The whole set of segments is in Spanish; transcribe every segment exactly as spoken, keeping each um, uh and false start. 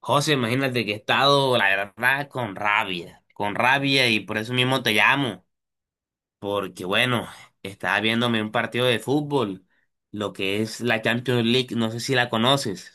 José, imagínate que he estado, la verdad, con rabia, con rabia y por eso mismo te llamo, porque bueno, estaba viéndome un partido de fútbol, lo que es la Champions League, no sé si la conoces.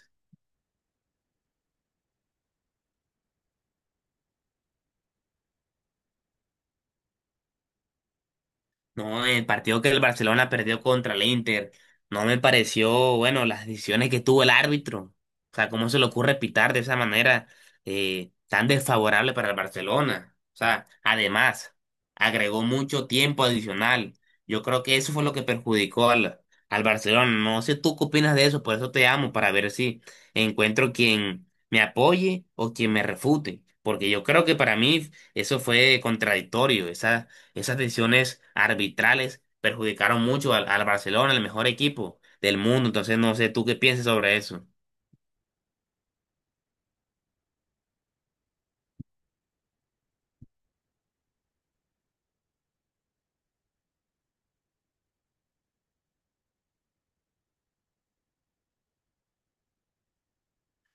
No, el partido que el Barcelona perdió contra el Inter, no me pareció, bueno, las decisiones que tuvo el árbitro. O sea, ¿cómo se le ocurre pitar de esa manera eh, tan desfavorable para el Barcelona? O sea, además, agregó mucho tiempo adicional. Yo creo que eso fue lo que perjudicó al, al Barcelona. No sé tú qué opinas de eso, por eso te amo, para ver si encuentro quien me apoye o quien me refute. Porque yo creo que para mí eso fue contradictorio, esa esas decisiones arbitrales perjudicaron mucho al, al Barcelona, el mejor equipo del mundo. Entonces, no sé tú qué piensas sobre eso.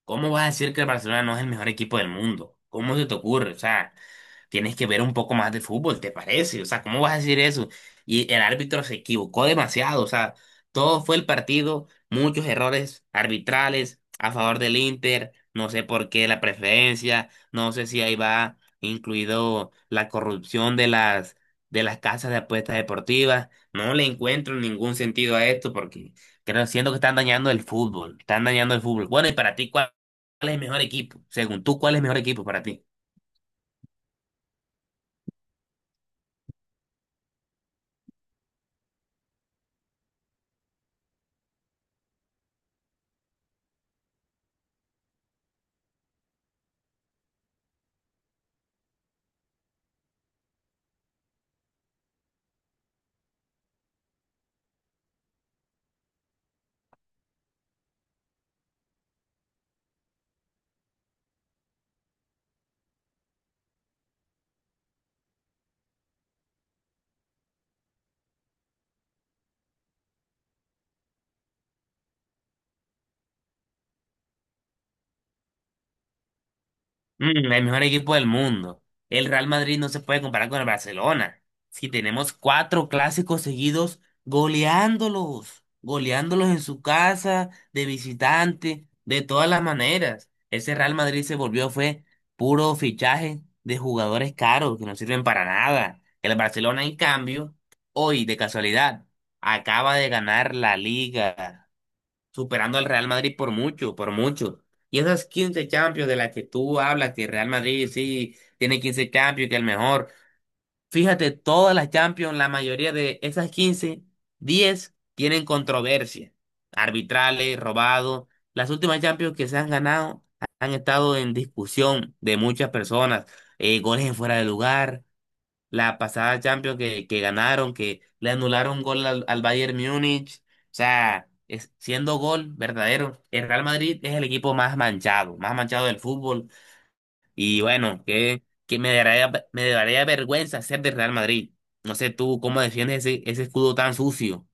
¿Cómo vas a decir que el Barcelona no es el mejor equipo del mundo? ¿Cómo se te ocurre? O sea, tienes que ver un poco más de fútbol, ¿te parece? O sea, ¿cómo vas a decir eso? Y el árbitro se equivocó demasiado, o sea, todo fue el partido, muchos errores arbitrales a favor del Inter, no sé por qué la preferencia, no sé si ahí va incluido la corrupción de las de las casas de apuestas deportivas, no le encuentro ningún sentido a esto porque creo, siento que están dañando el fútbol, están dañando el fútbol. Bueno, y para ti, ¿cuál es el mejor equipo? Según tú, ¿cuál es el mejor equipo para ti? Mm, el mejor equipo del mundo. El Real Madrid no se puede comparar con el Barcelona. Si tenemos cuatro clásicos seguidos goleándolos, goleándolos en su casa, de visitante, de todas las maneras. Ese Real Madrid se volvió, fue puro fichaje de jugadores caros que no sirven para nada. El Barcelona, en cambio, hoy, de casualidad, acaba de ganar la Liga superando al Real Madrid por mucho, por mucho. Y esas quince Champions de las que tú hablas, que Real Madrid sí tiene quince Champions, que es el mejor. Fíjate, todas las Champions, la mayoría de esas quince, diez tienen controversia. Arbitrales, robados. Las últimas Champions que se han ganado han estado en discusión de muchas personas. Eh, goles en fuera de lugar, la pasada Champions que, que ganaron, que le anularon gol al, al Bayern Múnich. O sea, es- siendo gol verdadero, el Real Madrid es el equipo más manchado, más manchado del fútbol. Y bueno, que, que me daría, me daría vergüenza ser del Real Madrid. No sé tú cómo defiendes ese, ese escudo tan sucio.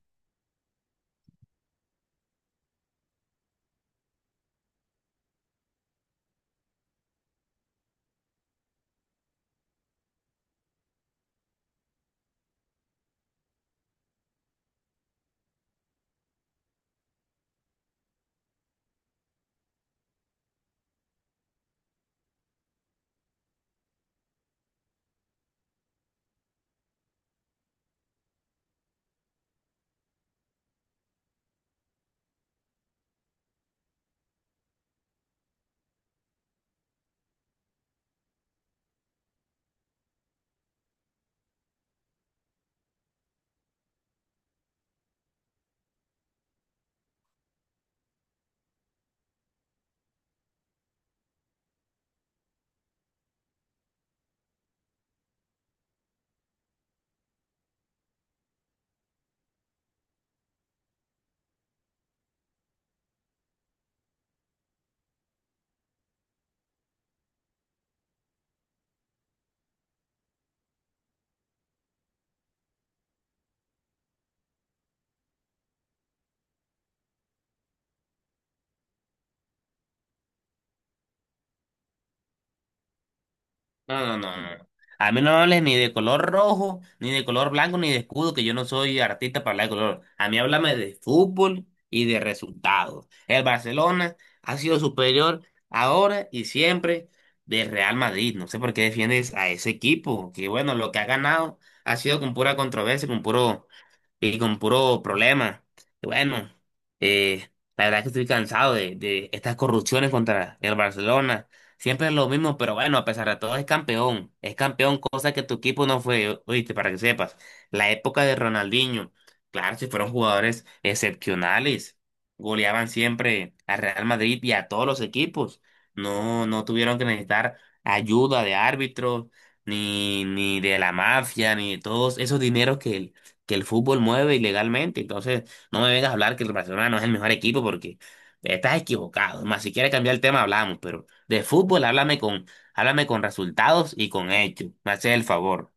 No, no, no, no, no. A mí no me hables ni de color rojo, ni de color blanco, ni de escudo, que yo no soy artista para hablar de color. A mí háblame de fútbol y de resultados. El Barcelona ha sido superior ahora y siempre del Real Madrid. No sé por qué defiendes a ese equipo, que bueno, lo que ha ganado ha sido con pura controversia, con puro y con puro problema. Y bueno, eh, la verdad es que estoy cansado de, de estas corrupciones contra el Barcelona. Siempre es lo mismo, pero bueno, a pesar de todo es campeón. Es campeón, cosa que tu equipo no fue, oíste, para que sepas. La época de Ronaldinho, claro, si fueron jugadores excepcionales. Goleaban siempre a Real Madrid y a todos los equipos. No, no tuvieron que necesitar ayuda de árbitros, ni, ni de la mafia, ni de todos esos dineros que el, que el fútbol mueve ilegalmente. Entonces, no me vengas a hablar que el Barcelona no es el mejor equipo porque estás equivocado. Más si quieres cambiar el tema, hablamos, pero. De fútbol, háblame con, háblame con resultados y con hechos. Me haces el favor.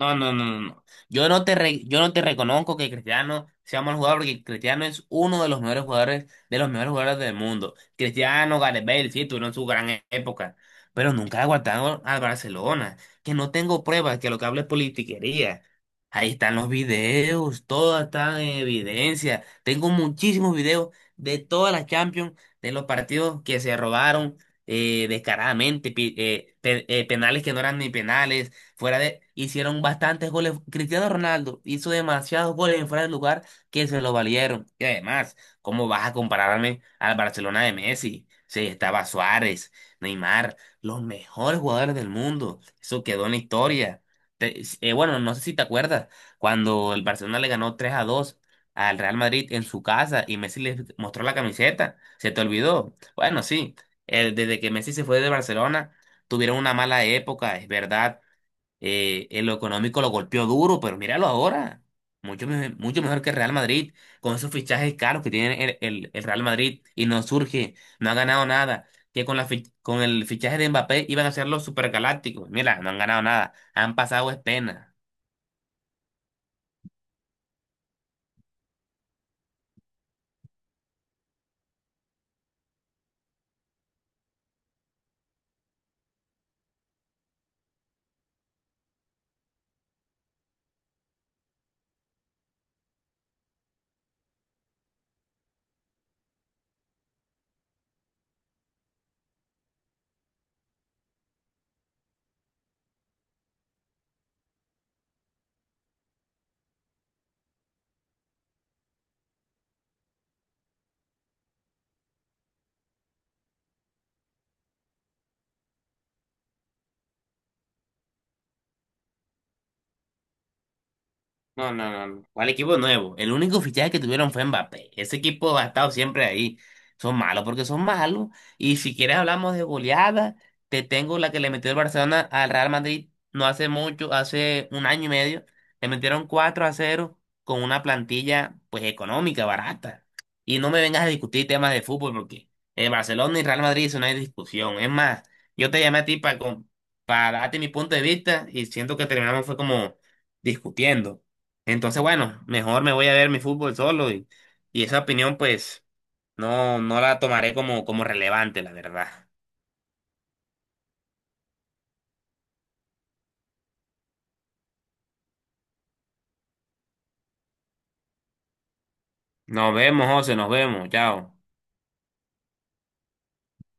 No, no, no, no, no. Yo no te re- yo no te reconozco que Cristiano sea mal jugador porque Cristiano es uno de los mejores jugadores, de los mejores jugadores del mundo. Cristiano, Gareth Bale, sí, tuvieron su gran e- época, pero nunca aguantaron al Barcelona. Que no tengo pruebas, que lo que hablo es politiquería. Ahí están los videos, todo está en evidencia. Tengo muchísimos videos de todas las Champions, de los partidos que se robaron eh, descaradamente, pi- eh, pe- eh, penales que no eran ni penales. Fuera de, hicieron bastantes goles. Cristiano Ronaldo hizo demasiados goles en fuera de lugar que se lo valieron. Y además, ¿cómo vas a compararme al Barcelona de Messi? Sí, estaba Suárez, Neymar, los mejores jugadores del mundo. Eso quedó en la historia. Te- eh, bueno, no sé si te acuerdas, cuando el Barcelona le ganó tres a dos al Real Madrid en su casa y Messi le mostró la camiseta, ¿se te olvidó? Bueno, sí, eh, desde que Messi se fue de Barcelona, tuvieron una mala época, es verdad. Eh, en lo económico lo golpeó duro, pero míralo ahora. Mucho, me- mucho mejor que el Real Madrid, con esos fichajes caros que tiene el, el- el Real Madrid y no surge, no ha ganado nada. Que con, la fi- con el fichaje de Mbappé iban a ser los supergalácticos. Mira, no han ganado nada. Han pasado es pena. No, no, no, no. ¿Cuál equipo nuevo? El único fichaje que tuvieron fue Mbappé. Ese equipo ha estado siempre ahí. Son malos porque son malos. Y si quieres hablamos de goleada, te tengo la que le metió el Barcelona al Real Madrid no hace mucho, hace un año y medio. Le metieron cuatro a cero con una plantilla pues económica, barata. Y no me vengas a discutir temas de fútbol porque el Barcelona y Real Madrid eso no hay discusión. Es más, yo te llamé a ti para, para darte mi punto de vista y siento que terminamos fue como discutiendo. Entonces, bueno, mejor me voy a ver mi fútbol solo y, y esa opinión pues no, no la tomaré como, como relevante, la verdad. Nos vemos, José, nos vemos, chao.